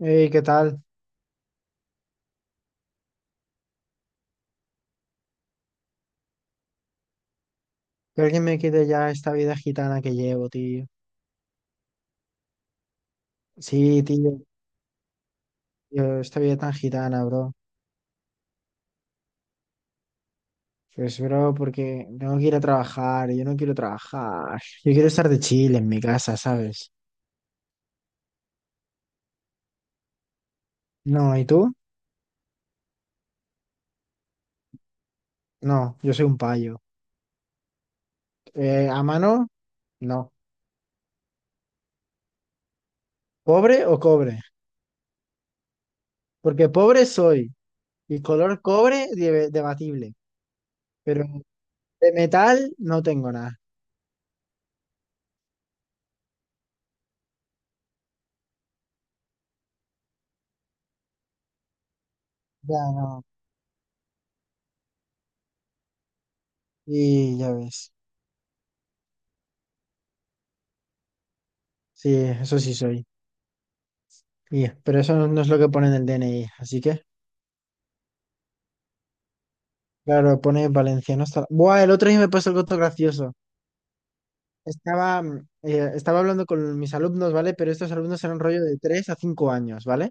Ey, ¿qué tal? Que alguien me quite ya esta vida gitana que llevo, tío. Sí, tío, tío, esta vida tan gitana, bro. Pues, bro, porque tengo que ir a trabajar, y yo no quiero trabajar. Yo quiero estar de chile en mi casa, ¿sabes? No, ¿y tú? No, yo soy un payo. ¿A mano? No. ¿Pobre o cobre? Porque pobre soy, y color cobre debatible, pero de metal no tengo nada. Ya no. Y ya ves. Sí, eso sí soy. Y- pero eso no es lo que pone en el DNI, así que, claro, pone valenciano hasta... Buah, el otro día me pasó algo todo gracioso. Estaba, estaba hablando con mis alumnos, ¿vale? Pero estos alumnos eran rollo de 3 a 5 años, ¿vale?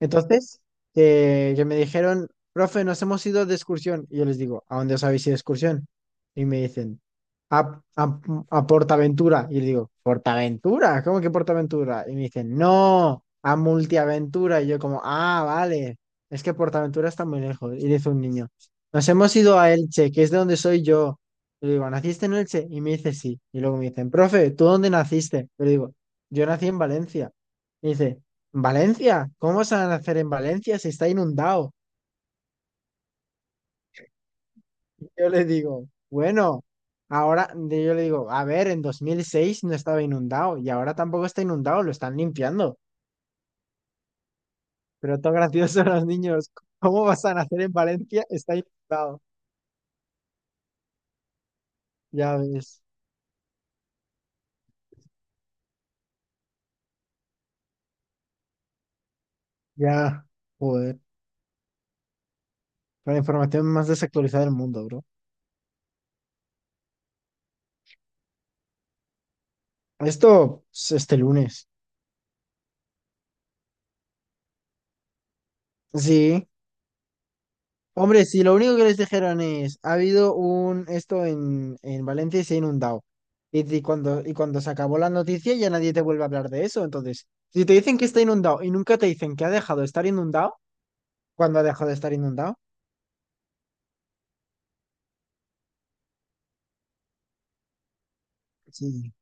Entonces, que me dijeron, profe, nos hemos ido de excursión. Y yo les digo, ¿a dónde os habéis ido de excursión? Y me dicen, a, a, a Portaventura. Y le digo, ¿Portaventura? ¿Cómo que Portaventura? Y me dicen, no, a Multiaventura. Y yo como, ah, vale, es que Portaventura está muy lejos. Y dice un niño, nos hemos ido a Elche, que es de donde soy yo. Y le digo, ¿naciste en Elche? Y me dice, sí. Y luego me dicen, profe, ¿tú dónde naciste? Y le digo, yo nací en Valencia. Y dice. Valencia, ¿cómo se van a hacer en Valencia si está inundado? Yo le digo, bueno, yo le digo, a ver, en 2006 no estaba inundado y ahora tampoco está inundado, lo están limpiando. Pero todo gracioso los niños, ¿cómo vas a nacer en Valencia? Está inundado. Ya ves, ya, joder, la información más desactualizada del mundo, bro. Esto es este lunes. Sí. Hombre, si lo único que les dijeron es, ha habido un esto en Valencia y se ha inundado. Y, y cuando se acabó la noticia ya nadie te vuelve a hablar de eso. Entonces, si te dicen que está inundado y nunca te dicen que ha dejado de estar inundado, ¿cuándo ha dejado de estar inundado? Sí,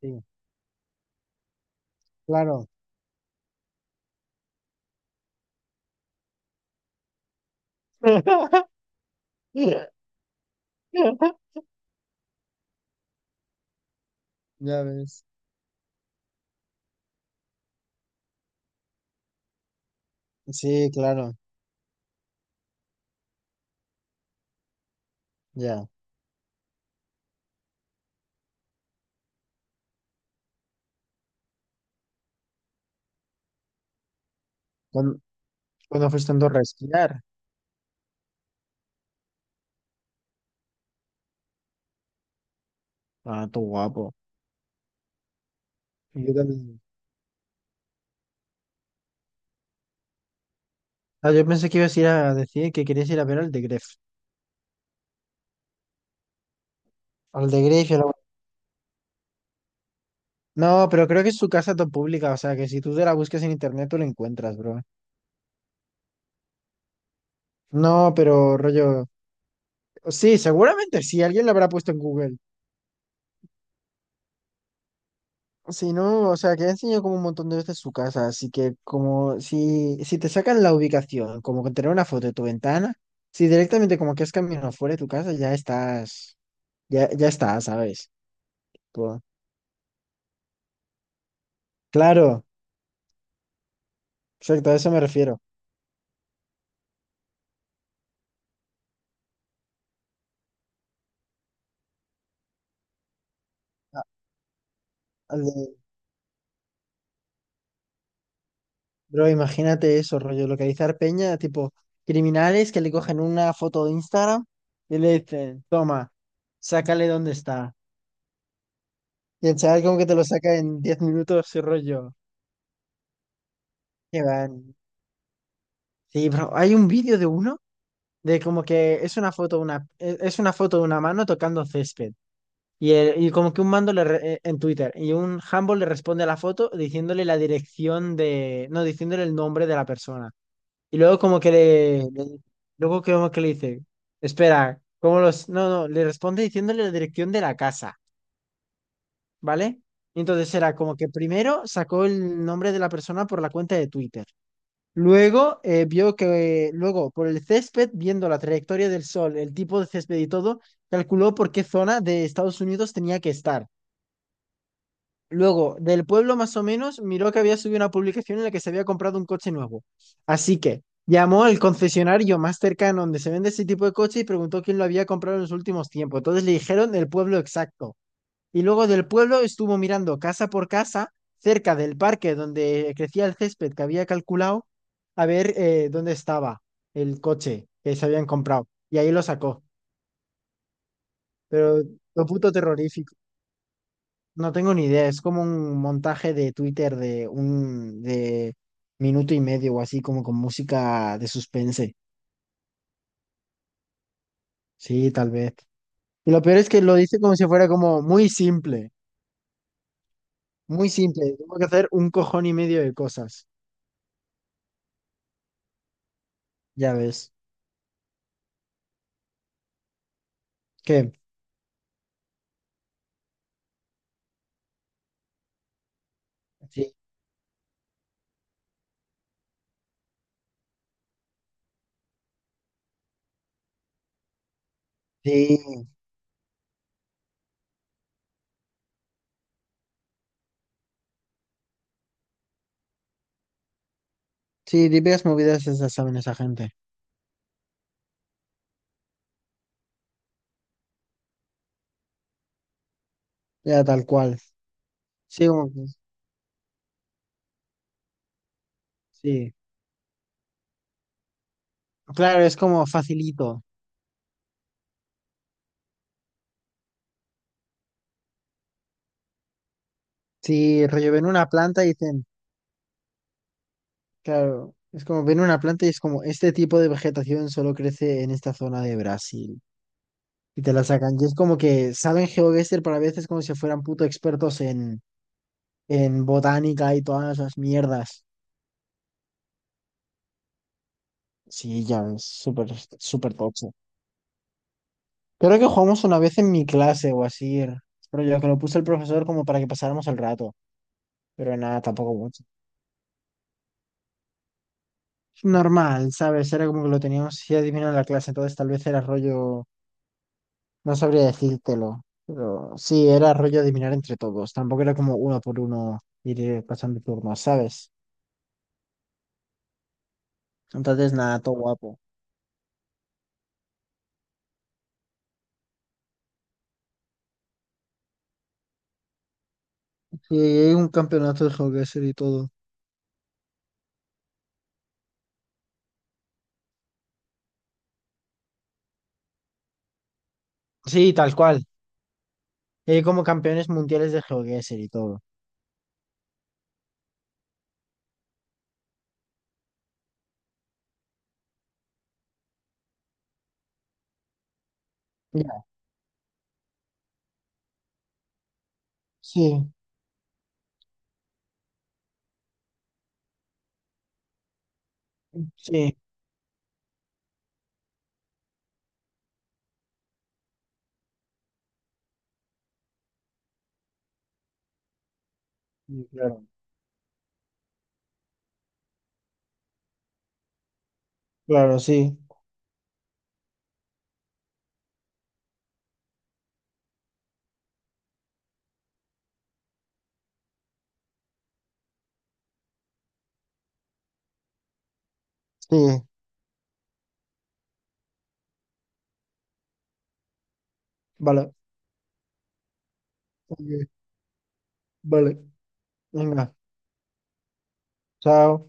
sí, claro, ya ves. Sí, claro, ya. Cuando, cuando fuiste en Andorra a esquiar. Ah, tú guapo. Y yo también. Ah, yo pensé que ibas a ir a decir que querías ir a ver al de Gref. Al de Gref y a la... No, pero creo que es su casa está pública, o sea que si tú te la buscas en internet tú la encuentras, bro. No, pero rollo. Sí, seguramente sí, alguien la habrá puesto en Google. Si no, o sea que ha enseñado como un montón de veces su casa, así que como si, si te sacan la ubicación, como con tener una foto de tu ventana, si directamente como que has caminado fuera de tu casa, ya estás, ya, ya estás, ¿sabes? Tú- claro, exacto, a eso me refiero. A- al de- Bro, imagínate eso, rollo, localizar peña, tipo criminales que le cogen una foto de Instagram y le dicen, toma, sácale dónde está. Y el chaval como que te lo saca en 10 minutos y rollo. Que van. Sí, bro, hay un vídeo de uno de como que es una foto una, es una foto de una mano tocando césped. Y, y como que un mando en Twitter y un handball le responde a la foto diciéndole la dirección de, no, diciéndole el nombre de la persona. Y luego como que luego que como que le dice, espera, ¿cómo los? No, no, le responde diciéndole la dirección de la casa, ¿vale? Y entonces era como que primero sacó el nombre de la persona por la cuenta de Twitter. Luego vio que, luego por el césped, viendo la trayectoria del sol, el tipo de césped y todo, calculó por qué zona de Estados Unidos tenía que estar. Luego, del pueblo más o menos, miró que había subido una publicación en la que se había comprado un coche nuevo. Así que llamó al concesionario más cercano donde se vende ese tipo de coche y preguntó quién lo había comprado en los últimos tiempos. Entonces le dijeron el pueblo exacto. Y luego del pueblo estuvo mirando casa por casa, cerca del parque donde crecía el césped que había calculado, a ver dónde estaba el coche que se habían comprado. Y ahí lo sacó. Pero lo puto terrorífico. No tengo ni idea, es como un montaje de Twitter de un de minuto y medio o así, como con música de suspense. Sí, tal vez. Y lo peor es que lo dice como si fuera como muy simple, muy simple. Tengo que hacer un cojón y medio de cosas. Ya ves. ¿Qué? Sí, sí, sí, típicas movidas esas saben esa gente. Ya tal cual. Sí, como que- sí. Claro, es como facilito. Si reviven una planta y dicen. Claro, es como ven una planta y es como este tipo de vegetación solo crece en esta zona de Brasil. Y te la sacan. Y es como que saben GeoGuessr para veces como si fueran puto expertos en botánica y todas esas mierdas. Sí, ya ves, súper, súper tocho. Creo que jugamos una vez en mi clase o así. Pero yo que lo puso el profesor como para que pasáramos el rato. Pero nada, tampoco mucho. Normal, ¿sabes? Era como que lo teníamos así adivinado en la clase, entonces tal vez era rollo. No sabría decírtelo, pero sí, era rollo adivinar entre todos. Tampoco era como uno por uno ir pasando turnos, ¿sabes? Entonces, nada, todo guapo. Sí, hay un campeonato de GeoGuessr y todo. Sí, tal cual. Hay como campeones mundiales de GeoGuessr y todo. Ya, sí, sí, sí, claro. Claro, sí. Sí, vale. Ok, vale, venga, chao.